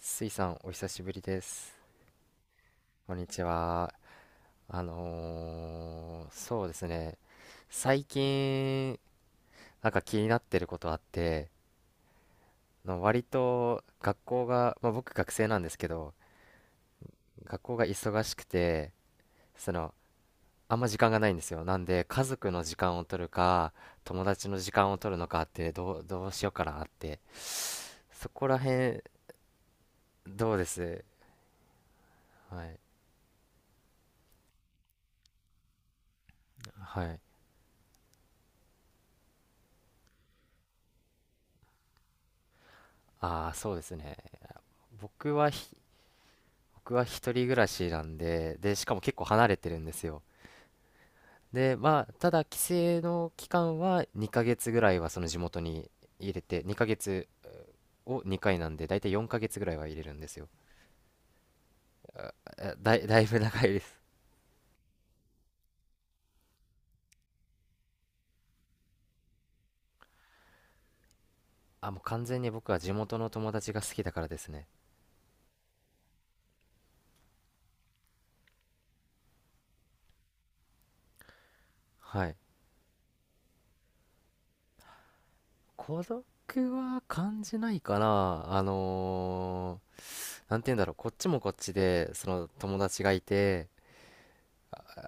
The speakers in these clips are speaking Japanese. スイさん、お久しぶりです。こんにちは。そうですね。最近、なんか気になってることあって、の割と学校が、まあ、僕学生なんですけど、学校が忙しくて、その、あんま時間がないんですよ。なんで、家族の時間を取るか、友達の時間を取るのかって、どうしようかなって。そこら辺、どうです。はい。はい。ああ、そうですね。僕はひ僕は一人暮らしなんで、で、しかも結構離れてるんですよ。で、まあ、ただ帰省の期間は2ヶ月ぐらいはその地元に入れて、2ヶ月を2回なんで、だいたい4ヶ月ぐらいは入れるんですよ。だいぶ長いです。あ、もう完全に僕は地元の友達が好きだからですね。はい。孤独は感じないかな。なんて言うんだろう、こっちもこっちで、その友達がいて、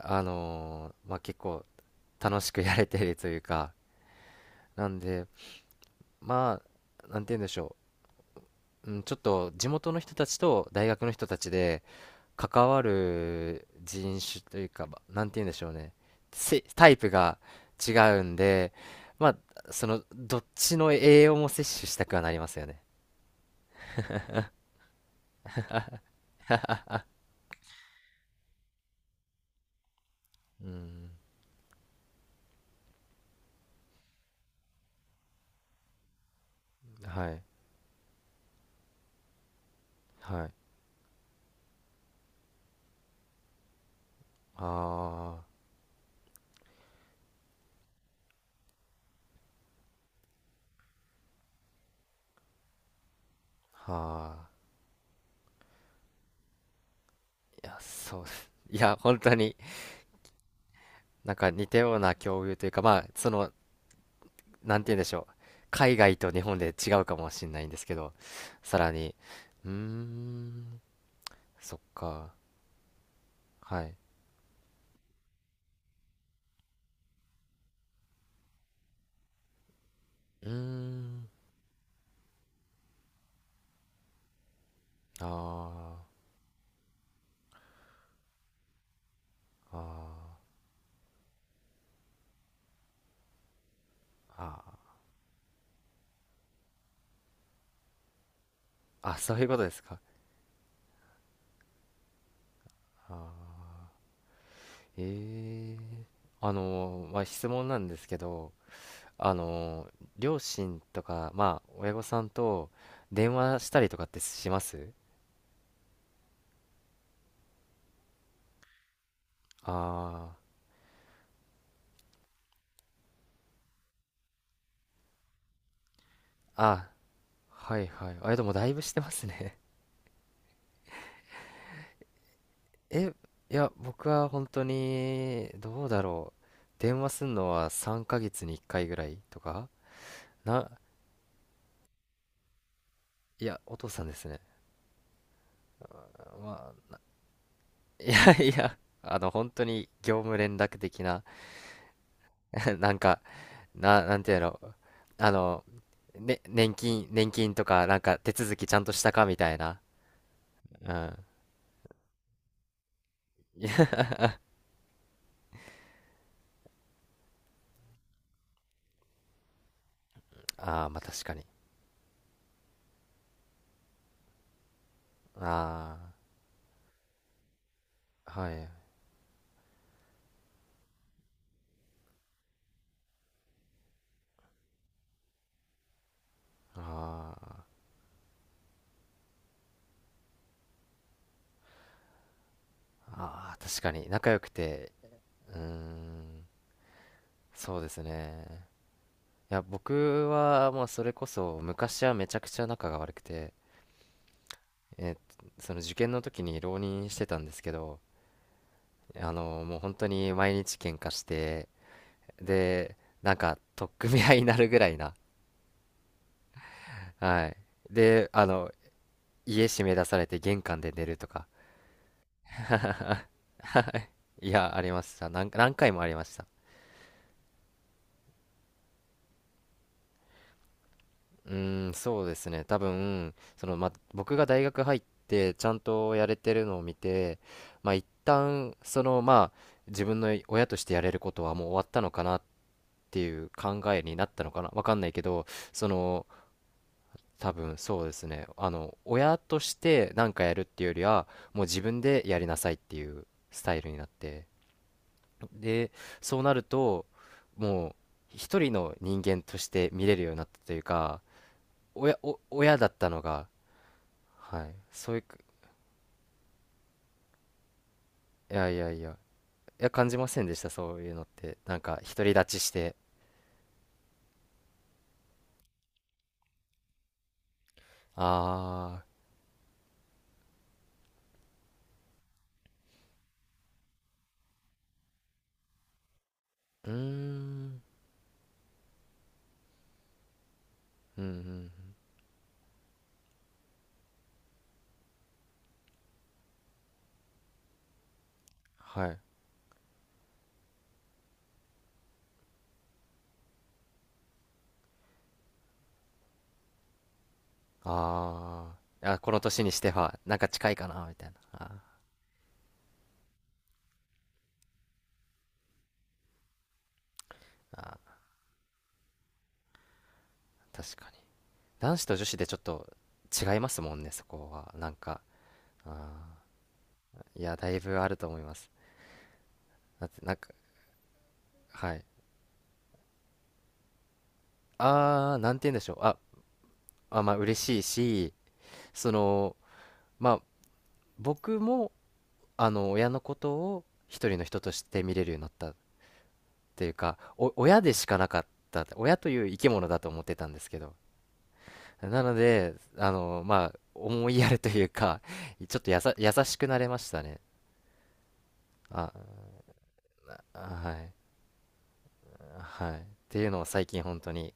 まあ、結構楽しくやれてるというか、なんで、まあ、なんて言うんでしょう。うん、ちょっと地元の人たちと大学の人たちで関わる人種というか、ま、なんて言うんでしょうね。タイプが違うんで、まあ、その、どっちの栄養も摂取したくはなりますよね。うん。はい。はい。ああ、はあ。いや、そうです。いや、本当に、なんか似たような境遇というか、まあ、その、なんて言うんでしょう。海外と日本で違うかもしれないんですけど、さらに、うーん、そっか、はい。うーん、あー、あー、あー、あ、そういうことですか。あー、えー、まあ、質問なんですけど、あのー両親とか、まあ、親御さんと電話したりとかってします。あー、あ、はいはい。あ、でもだいぶしてますね。え、いや、僕は本当に、どうだろう。電話すんのは3ヶ月に1回ぐらいとかな、いや、お父さんですね。まあ、いやいや、あの、本当に業務連絡的な、なんか、なんていうの、あの、ね、年金、年金とか、なんか手続きちゃんとしたかみたいな。うん。いや、ああ、まあ確かに。ああ、はい。ああ、ああ、確かに。仲良くて、うーん、そうですね。いや、僕は、まあ、それこそ、昔はめちゃくちゃ仲が悪くて、えーその受験の時に浪人してたんですけど、あの、もう本当に毎日喧嘩して、で、なんか、取っ組み合いになるぐらいな。はい。で、あの、家閉め出されて玄関で寝るとか。はい。いや、ありました。何回もありました。うーん、そうですね。多分、その、ま、僕が大学入ってちゃんとやれてるのを見て、まあ、一旦、その、まあ、自分の親としてやれることはもう終わったのかなっていう考えになったのかな。わかんないけど、その、多分そうですね。あの、親として何かやるっていうよりは、もう自分でやりなさいっていうスタイルになって。で、そうなると、もう、一人の人間として見れるようになったというか、親だったのが、はい。そういう、いやいやいや、いや、感じませんでした、そういうのって。なんか、独り立ちして、ああー、うーん、うん、うん、うん、はい。あー、あ、この年にしては、なんか近いかな、みたいな。あー、あー、確かに。男子と女子でちょっと違いますもんね、そこは。なんか、あー、いや、だいぶあると思います。だって、なんか、はい。ああー、なんて言うんでしょう。あ、あ、まあ、嬉しいし、その、まあ、僕も、あの親のことを一人の人として見れるようになったっていうか、お親でしかなかった、親という生き物だと思ってたんですけど、なので、あの、まあ思いやるというか、ちょっと優しくなれましたね。あ、はい。はいっていうのを最近本当に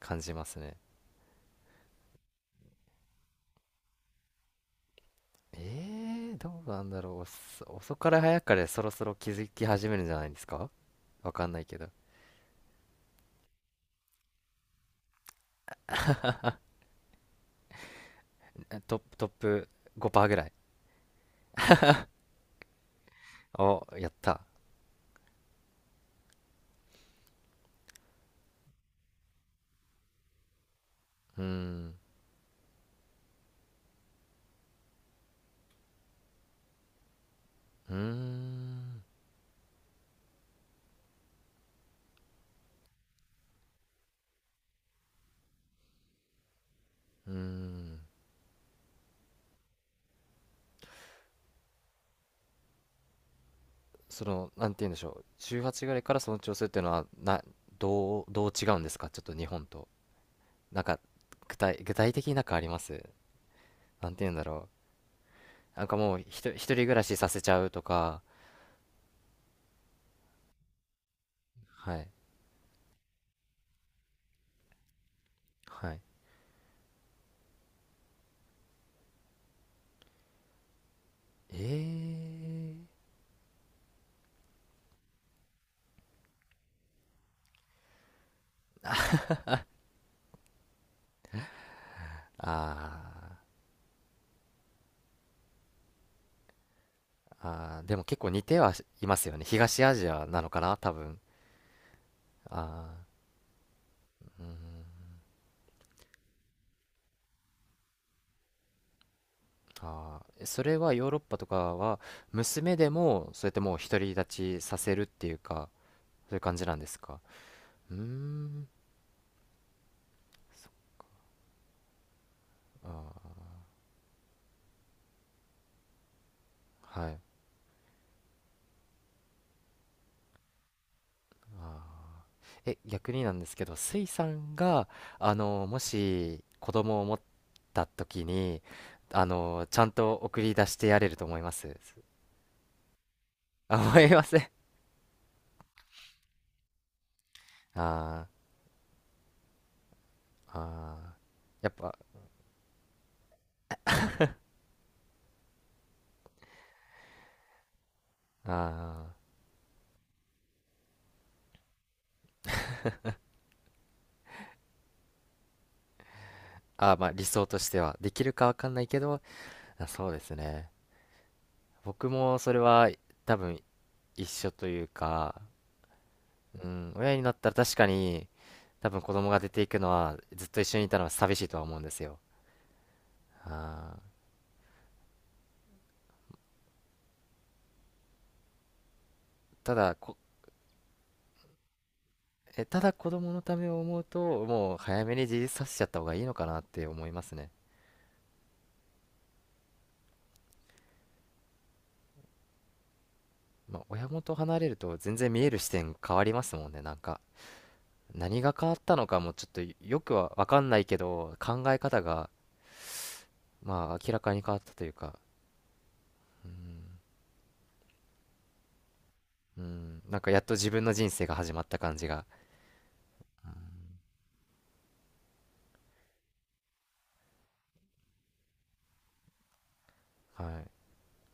感じますね。えー、どうなんだろう、遅かれ早かれそろそろ気づき始めるんじゃないですか。わかんないけど、え、トップ5%ぐらい。おやった。うーん、うーん、うーん、その、なんて言うんでしょう、18ぐらいからその調整っていうのは、どう違うんですか、ちょっと日本と。なんか、具体的になんかあります。なんて言うんだろう。なんかもう、一人暮らしさせちゃうとか、はい、はい。ええ、あー、あー、でも結構似てはいますよね。東アジアなのかな、多分。あー、あー、それはヨーロッパとかは、娘でも、そうやってもう独り立ちさせるっていうか、そういう感じなんですか。うーん、あー、はい。あー、え、逆になんですけど、スイさんがあのもし子供を持った時に、あの、ちゃんと送り出してやれると思います。 あ、思いません。あー、あー、やっぱ、あー、あー、まあ理想としてはできるかわかんないけど、あ、そうですね。僕もそれは多分一緒というか、うん、親になったら確かに多分子供が出ていくのは、ずっと一緒にいたのは寂しいとは思うんですよ。あー、ただこ、え、ただ子供のためを思うと、もう早めに自立させちゃった方がいいのかなって思いますね。まあ、親元離れると全然見える視点変わりますもんね、なんか。何が変わったのかもちょっとよくは分かんないけど、考え方がまあ明らかに変わったというか、うん、なんかやっと自分の人生が始まった感じが、うん、はい